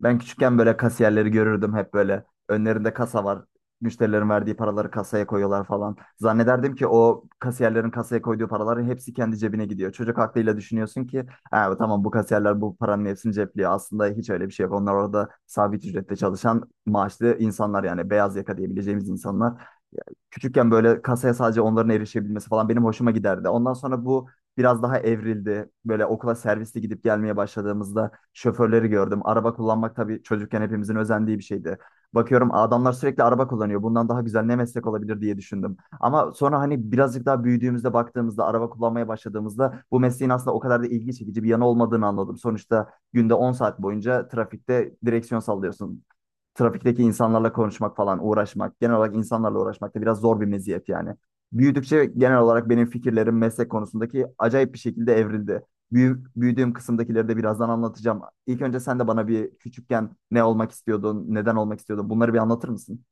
Ben küçükken böyle kasiyerleri görürdüm hep böyle. Önlerinde kasa var. Müşterilerin verdiği paraları kasaya koyuyorlar falan. Zannederdim ki o kasiyerlerin kasaya koyduğu paraların hepsi kendi cebine gidiyor. Çocuk aklıyla düşünüyorsun ki ha, tamam bu kasiyerler bu paranın hepsini cepliyor. Aslında hiç öyle bir şey yok. Onlar orada sabit ücretle çalışan maaşlı insanlar yani beyaz yaka diyebileceğimiz insanlar küçükken böyle kasaya sadece onların erişebilmesi falan benim hoşuma giderdi. Ondan sonra bu biraz daha evrildi. Böyle okula servisle gidip gelmeye başladığımızda şoförleri gördüm. Araba kullanmak tabii çocukken hepimizin özendiği bir şeydi. Bakıyorum adamlar sürekli araba kullanıyor. Bundan daha güzel ne meslek olabilir diye düşündüm. Ama sonra hani birazcık daha büyüdüğümüzde baktığımızda araba kullanmaya başladığımızda bu mesleğin aslında o kadar da ilgi çekici bir yanı olmadığını anladım. Sonuçta günde 10 saat boyunca trafikte direksiyon sallıyorsun, trafikteki insanlarla konuşmak falan, uğraşmak, genel olarak insanlarla uğraşmak da biraz zor bir meziyet yani. Büyüdükçe genel olarak benim fikirlerim meslek konusundaki acayip bir şekilde evrildi. Büyüdüğüm kısımdakileri de birazdan anlatacağım. İlk önce sen de bana bir küçükken ne olmak istiyordun, neden olmak istiyordun bunları bir anlatır mısın?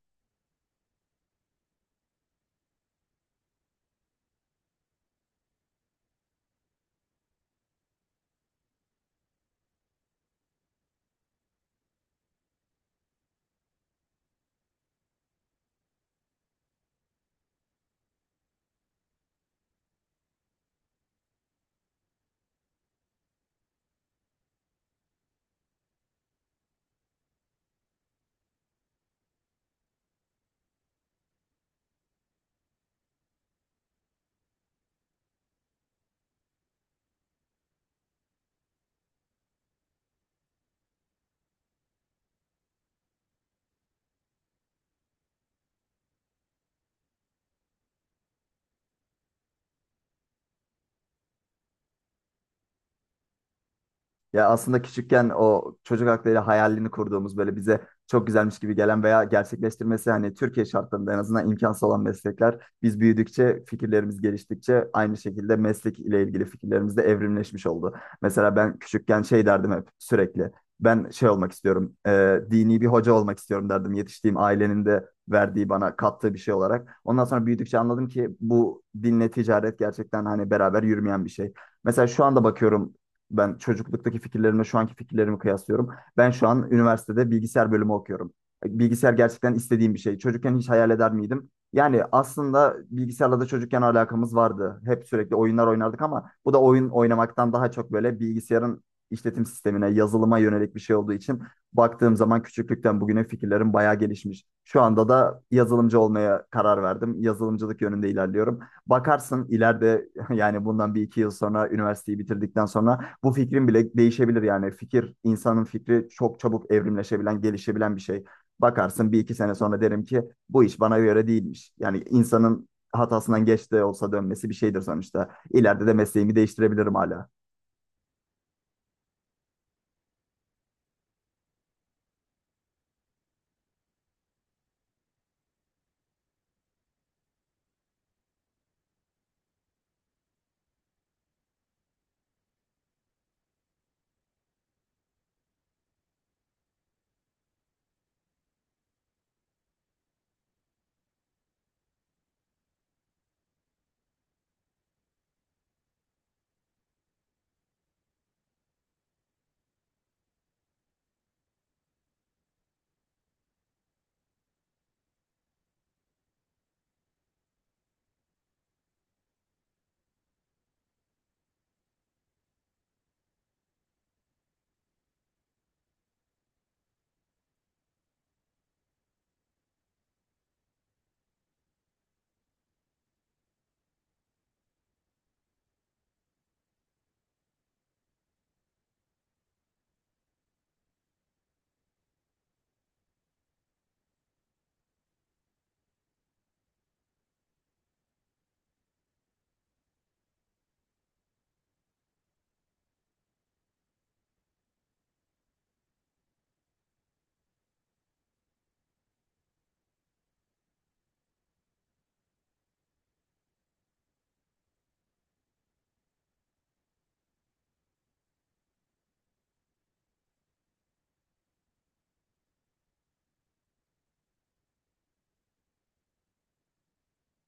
Ya aslında küçükken o çocuk hakları hayalini kurduğumuz böyle bize çok güzelmiş gibi gelen veya gerçekleştirmesi hani Türkiye şartlarında en azından imkansız olan meslekler biz büyüdükçe fikirlerimiz geliştikçe aynı şekilde meslek ile ilgili fikirlerimiz de evrimleşmiş oldu. Mesela ben küçükken şey derdim hep sürekli ben şey olmak istiyorum dini bir hoca olmak istiyorum derdim yetiştiğim ailenin de verdiği bana kattığı bir şey olarak. Ondan sonra büyüdükçe anladım ki bu dinle ticaret gerçekten hani beraber yürümeyen bir şey. Mesela şu anda bakıyorum ben çocukluktaki fikirlerimle şu anki fikirlerimi kıyaslıyorum. Ben şu an üniversitede bilgisayar bölümü okuyorum. Bilgisayar gerçekten istediğim bir şey. Çocukken hiç hayal eder miydim? Yani aslında bilgisayarla da çocukken alakamız vardı. Hep sürekli oyunlar oynardık ama bu da oyun oynamaktan daha çok böyle bilgisayarın işletim sistemine, yazılıma yönelik bir şey olduğu için baktığım zaman küçüklükten bugüne fikirlerim bayağı gelişmiş. Şu anda da yazılımcı olmaya karar verdim. Yazılımcılık yönünde ilerliyorum. Bakarsın ileride yani bundan bir iki yıl sonra üniversiteyi bitirdikten sonra bu fikrin bile değişebilir yani fikir insanın fikri çok çabuk evrimleşebilen gelişebilen bir şey. Bakarsın bir iki sene sonra derim ki bu iş bana göre değilmiş. Yani insanın hatasından geç de olsa dönmesi bir şeydir sonuçta. İleride de mesleğimi değiştirebilirim hala.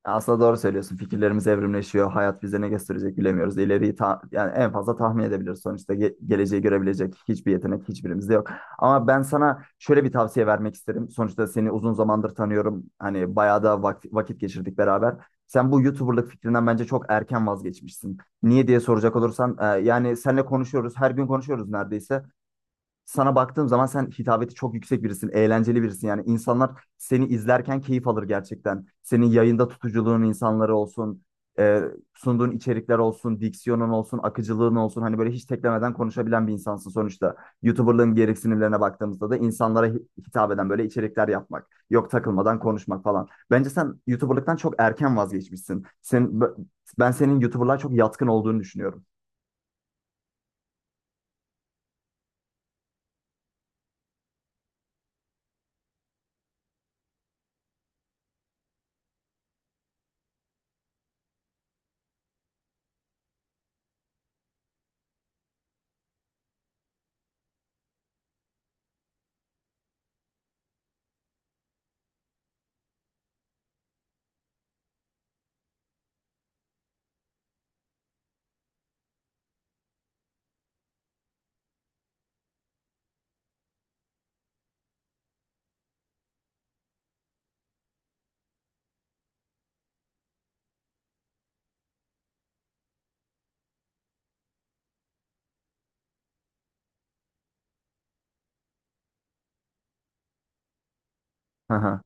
Aslında doğru söylüyorsun. Fikirlerimiz evrimleşiyor. Hayat bize ne gösterecek bilemiyoruz. İleriyi yani en fazla tahmin edebiliriz. Sonuçta geleceği görebilecek hiçbir yetenek hiçbirimizde yok. Ama ben sana şöyle bir tavsiye vermek isterim. Sonuçta seni uzun zamandır tanıyorum. Hani bayağı da vakit geçirdik beraber. Sen bu YouTuber'lık fikrinden bence çok erken vazgeçmişsin. Niye diye soracak olursan, yani seninle konuşuyoruz. Her gün konuşuyoruz neredeyse sana baktığım zaman sen hitabeti çok yüksek birisin, eğlenceli birisin. Yani insanlar seni izlerken keyif alır gerçekten. Senin yayında tutuculuğun insanları olsun, e, sunduğun içerikler olsun, diksiyonun olsun, akıcılığın olsun. Hani böyle hiç teklemeden konuşabilen bir insansın sonuçta. YouTuber'lığın gereksinimlerine baktığımızda da insanlara hitap eden böyle içerikler yapmak, yok takılmadan konuşmak falan. Bence sen YouTuber'lıktan çok erken vazgeçmişsin. Ben senin YouTuber'lığa çok yatkın olduğunu düşünüyorum.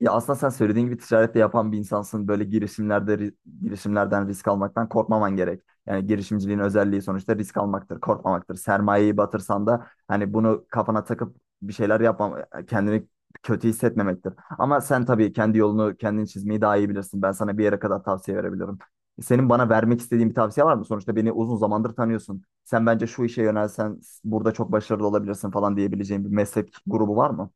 Ya aslında sen söylediğin gibi ticarette yapan bir insansın. Böyle girişimlerden risk almaktan korkmaman gerek. Yani girişimciliğin özelliği sonuçta risk almaktır, korkmamaktır. Sermayeyi batırsan da hani bunu kafana takıp bir şeyler yapmam, kendini kötü hissetmemektir. Ama sen tabii kendi yolunu kendin çizmeyi daha iyi bilirsin. Ben sana bir yere kadar tavsiye verebilirim. Senin bana vermek istediğin bir tavsiye var mı? Sonuçta beni uzun zamandır tanıyorsun. Sen bence şu işe yönelsen burada çok başarılı olabilirsin falan diyebileceğin bir meslek grubu var mı?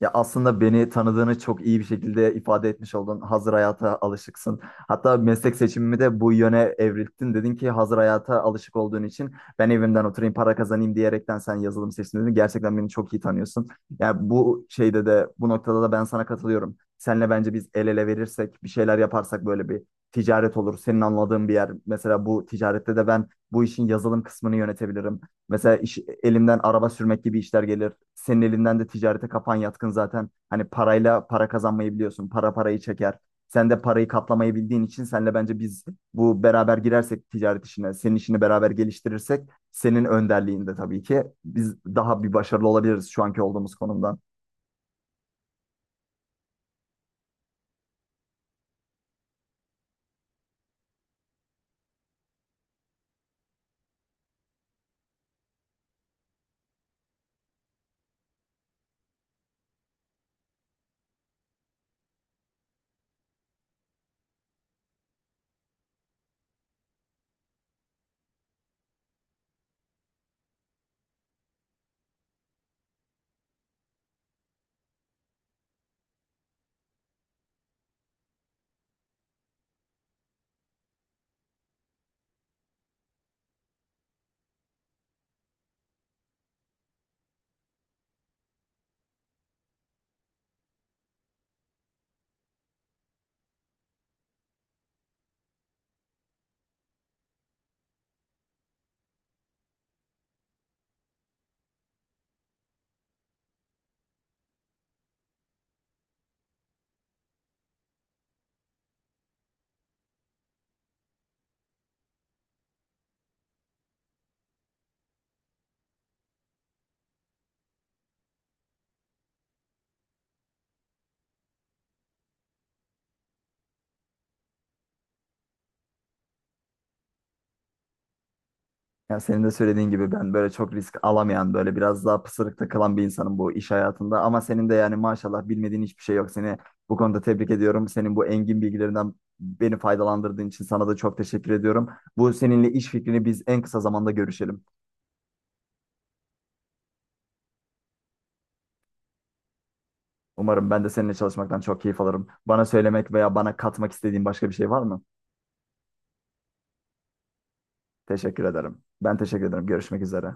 Ya aslında beni tanıdığını çok iyi bir şekilde ifade etmiş oldun. Hazır hayata alışıksın. Hatta meslek seçimimi de bu yöne evrilttin. Dedin ki hazır hayata alışık olduğun için ben evimden oturayım para kazanayım diyerekten sen yazılım seçtin dedin. Gerçekten beni çok iyi tanıyorsun. Yani bu şeyde de bu noktada da ben sana katılıyorum. Seninle bence biz el ele verirsek bir şeyler yaparsak böyle bir ticaret olur. Senin anladığın bir yer. Mesela bu ticarette de ben bu işin yazılım kısmını yönetebilirim. Mesela iş, elimden araba sürmek gibi işler gelir. Senin elinden de ticarete kafan yatkın zaten. Hani parayla para kazanmayı biliyorsun. Para parayı çeker. Sen de parayı katlamayı bildiğin için senle bence biz bu beraber girersek ticaret işine, senin işini beraber geliştirirsek senin önderliğinde tabii ki biz daha bir başarılı olabiliriz şu anki olduğumuz konumdan. Ya senin de söylediğin gibi ben böyle çok risk alamayan böyle biraz daha pısırık kalan bir insanım bu iş hayatında. Ama senin de yani maşallah bilmediğin hiçbir şey yok. Seni bu konuda tebrik ediyorum. Senin bu engin bilgilerinden beni faydalandırdığın için sana da çok teşekkür ediyorum. Bu seninle iş fikrini biz en kısa zamanda görüşelim. Umarım ben de seninle çalışmaktan çok keyif alırım. Bana söylemek veya bana katmak istediğin başka bir şey var mı? Teşekkür ederim. Ben teşekkür ederim. Görüşmek üzere.